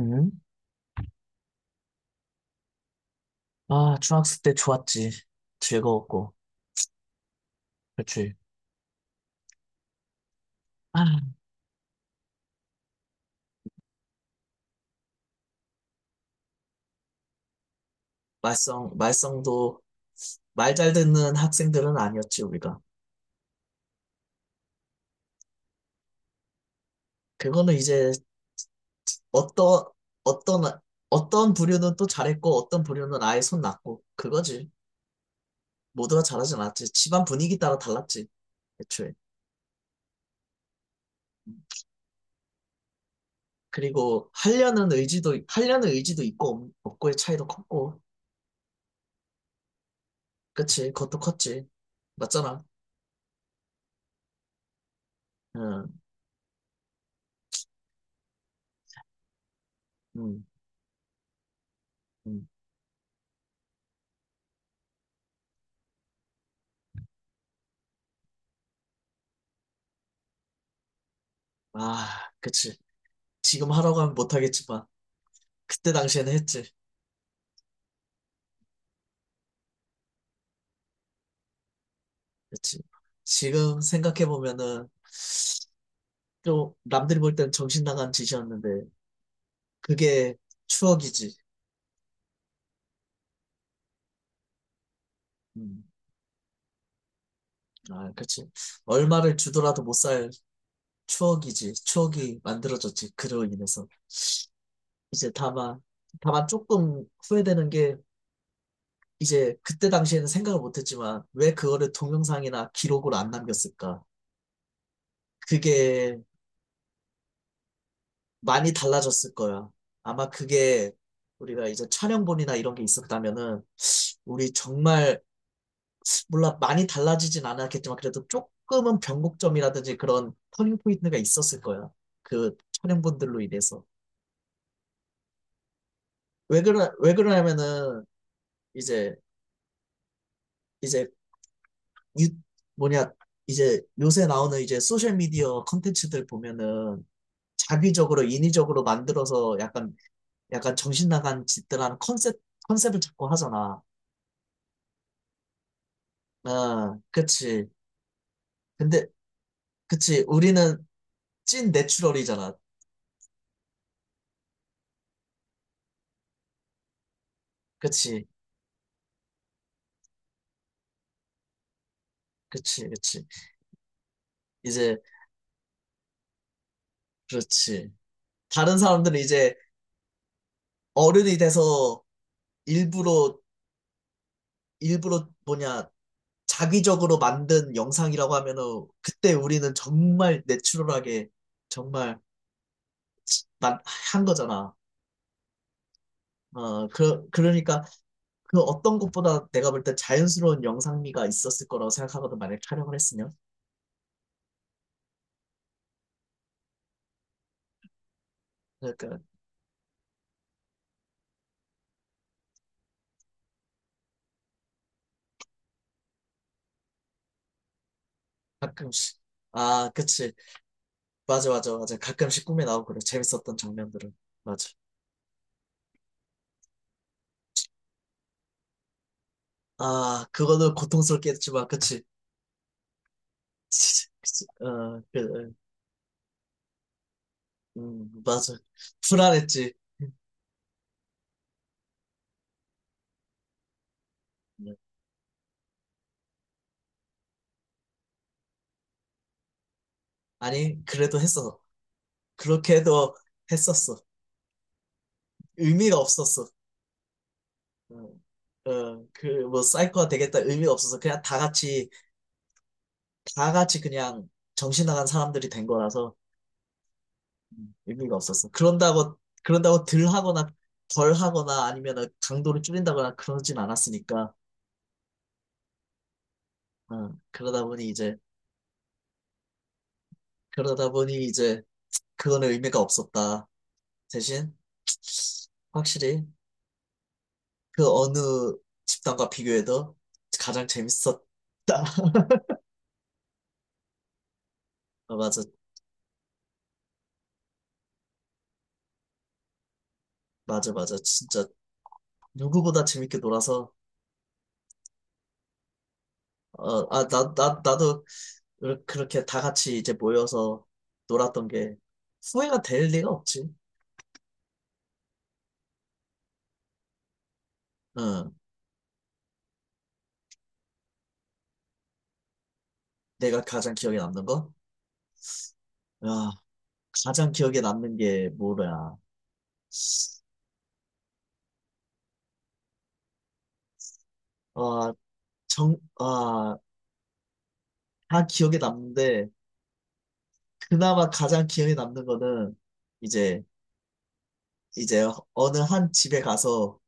응? 아, 중학생 때 좋았지. 즐거웠고. 그치. 아, 말썽도 말 잘 듣는 학생들은 아니었지, 우리가. 그거는 이제 어떤, 어떤, 어떤 부류는 또 잘했고, 어떤 부류는 아예 손 났고. 그거지. 모두가 잘하진 않았지. 집안 분위기 따라 달랐지, 애초에. 그리고 하려는 의지도 있고 고의 차이도 컸고. 그치. 그것도 컸지. 맞잖아. 응응응아. 그치. 지금 하라고 하면 못하겠지만 그때 당시에는 했지. 그치. 지금 생각해 보면은 좀 남들이 볼 때는 정신 나간 짓이었는데 그게 추억이지. 음아, 그치. 얼마를 주더라도 못 살 추억이지. 추억이 만들어졌지, 그로 인해서. 이제 다만 조금 후회되는 게, 이제 그때 당시에는 생각을 못했지만 왜 그거를 동영상이나 기록으로 안 남겼을까? 그게 많이 달라졌을 거야. 아마 그게, 우리가 이제 촬영본이나 이런 게 있었다면은 우리 정말, 몰라, 많이 달라지진 않았겠지만 그래도 조금은 변곡점이라든지 그런 터닝 포인트가 있었을 거야. 그 촬영본들로 인해서. 왜 그러냐면은 이제 이제 유, 뭐냐, 이제 요새 나오는 이제 소셜 미디어 컨텐츠들 보면은 자기적으로 인위적으로 만들어서 약간 정신 나간 짓들 하는 컨셉을 자꾸 하잖아. 어, 그치. 근데 그치. 우리는 찐 내추럴이잖아. 그치. 그치. 그치. 이제 그렇지. 다른 사람들은 이제 어른이 돼서 일부러 일부러 뭐냐, 자기적으로 만든 영상이라고 하면은 그때 우리는 정말 내추럴하게 정말 만- 한 거잖아. 어, 그러니까 그 어떤 것보다 내가 볼 때 자연스러운 영상미가 있었을 거라고 생각하거든, 만약 촬영을 했으면. 그러니까 가끔씩. 아, 그치. 맞아, 맞아, 맞아. 가끔씩 꿈에 나오고 그래. 재밌었던 장면들은. 맞아. 아, 그거는 고통스럽게 했지만, 그치. 그치. 그치. 어, 맞아. 불안했지. 음. 아니, 그래도 했어. 그렇게 해도 했었어. 의미가 없었어. 어, 어, 뭐, 사이코가 되겠다 의미가 없어서 그냥 다 같이 그냥 정신 나간 사람들이 된 거라서 의미가 없었어. 그런다고 덜 하거나 아니면 강도를 줄인다거나 그러진 않았으니까. 어, 그러다 보니 이제 그거는 의미가 없었다. 대신, 확실히 그 어느 집단과 비교해도 가장 재밌었다. 어, 맞아, 맞아, 맞아. 진짜 누구보다 재밌게 놀아서, 어, 아, 나도 그렇게 다 같이 이제 모여서 놀았던 게 후회가 될 리가 없지. 응. 내가 가장 기억에 남는 거? 야, 가장 기억에 남는 게 뭐야? 아, 정, 아, 다 기억에 남는데, 그나마 가장 기억에 남는 거는 이제, 이제 어느 한 집에 가서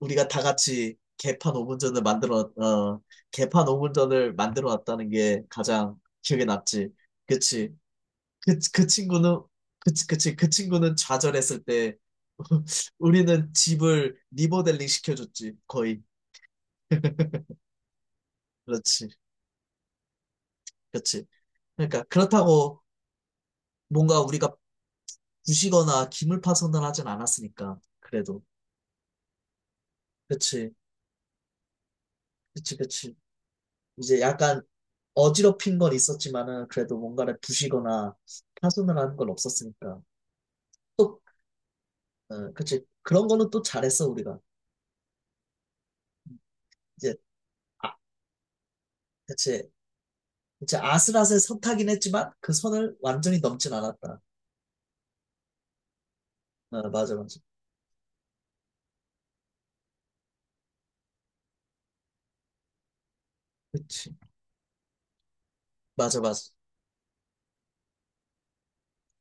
우리가 다 같이 개판 오분전을 만들어 놨다는 게 가장 기억에 남지. 그치? 그, 그 친구는, 그, 치- 그, 치- 그 친구는 좌절했을 때, 우리는 집을 리모델링 시켜줬지, 거의. 그렇지, 그렇지. 그러니까, 그렇다고 뭔가 우리가 부시거나 기물 파손을 하진 않았으니까, 그래도. 그치, 그치, 그치. 이제 약간 어지럽힌 건 있었지만은, 그래도 뭔가를 부시거나 파손을 하는 건 없었으니까. 또, 어, 그치. 그런 거는 또 잘했어, 우리가. 이제, 아, 그치. 이제 아슬아슬 선 타긴 했지만 그 선을 완전히 넘진 않았다. 어, 맞아, 맞아. 그치. 맞아, 맞아.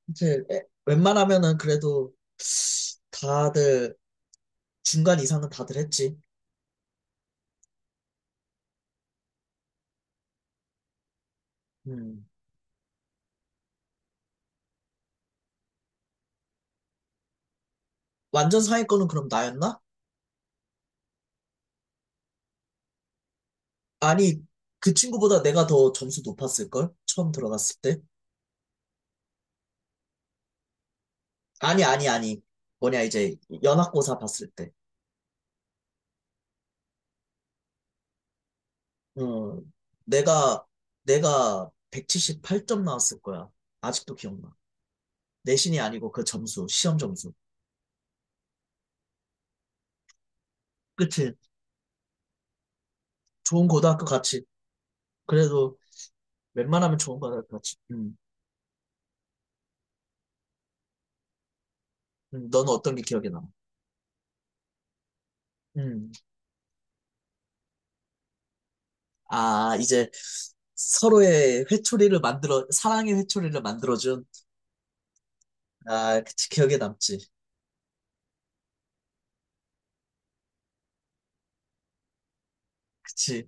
이제 웬만하면은 그래도 다들 중간 이상은 다들 했지. 음. 완전 상위권은 그럼 나였나? 아니, 그 친구보다 내가 더 점수 높았을걸? 처음 들어갔을 때. 아니, 아니, 아니. 뭐냐, 이제 연합고사 봤을 때. 어, 내가, 내가 178점 나왔을 거야. 아직도 기억나. 내신이 아니고 그 점수, 시험 점수. 그치? 좋은 고등학교 같이. 그래도 웬만하면 좋은 고등학교 같이. 음. 너는 어떤 게 기억에 남아? 음. 아, 이제 서로의 회초리를 만들어, 사랑의 회초리를 만들어준. 아, 그치, 기억에 남지. 그치.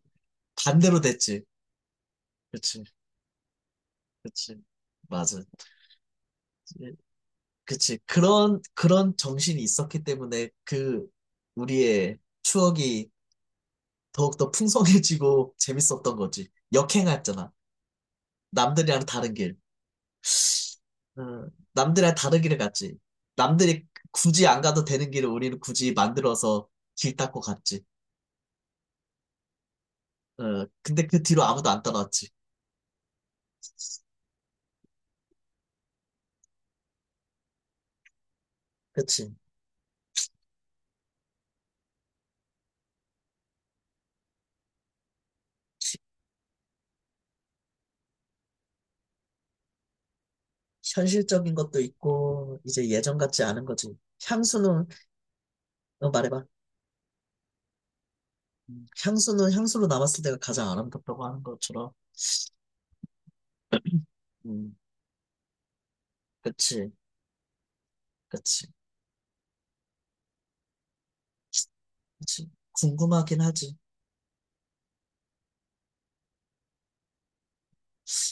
반대로 됐지. 그치, 그치. 맞아. 예, 그치. 그런 정신이 있었기 때문에 우리의 추억이 더욱더 풍성해지고 재밌었던 거지. 역행했잖아. 남들이랑 다른 길. 남들이랑 다른 길을 갔지. 남들이 굳이 안 가도 되는 길을 우리는 굳이 만들어서 길 닦고 갔지. 어, 근데 그 뒤로 아무도 안 따라왔지. 그치. 시- 현실적인 것도 있고, 이제 예전 같지 않은 거지. 향수는, 너 말해봐. 향수는 향수로 남았을 때가 가장 아름답다고 하는 것처럼. 음, 그치, 그치, 그치. 궁금하긴 하지.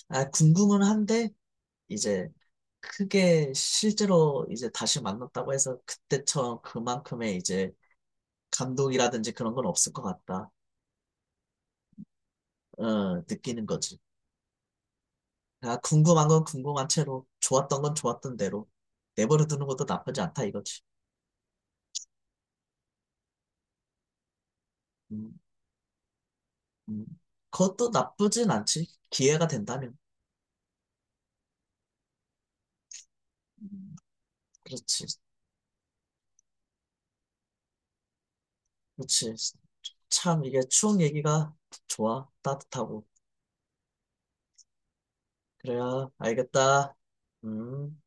아, 궁금은 한데, 이제 크게 실제로 이제 다시 만났다고 해서 그때처럼 그만큼의 이제 감동이라든지 그런 건 없을 것 같다. 어, 느끼는 거지. 아, 궁금한 건 궁금한 채로, 좋았던 건 좋았던 대로 내버려 두는 것도 나쁘지 않다 이거지. 음, 음. 그것도 나쁘진 않지. 기회가 된다면. 음, 그렇지. 그렇지. 참, 이게 추억 얘기가 좋아. 따뜻하고. 그래야 알겠다. 음.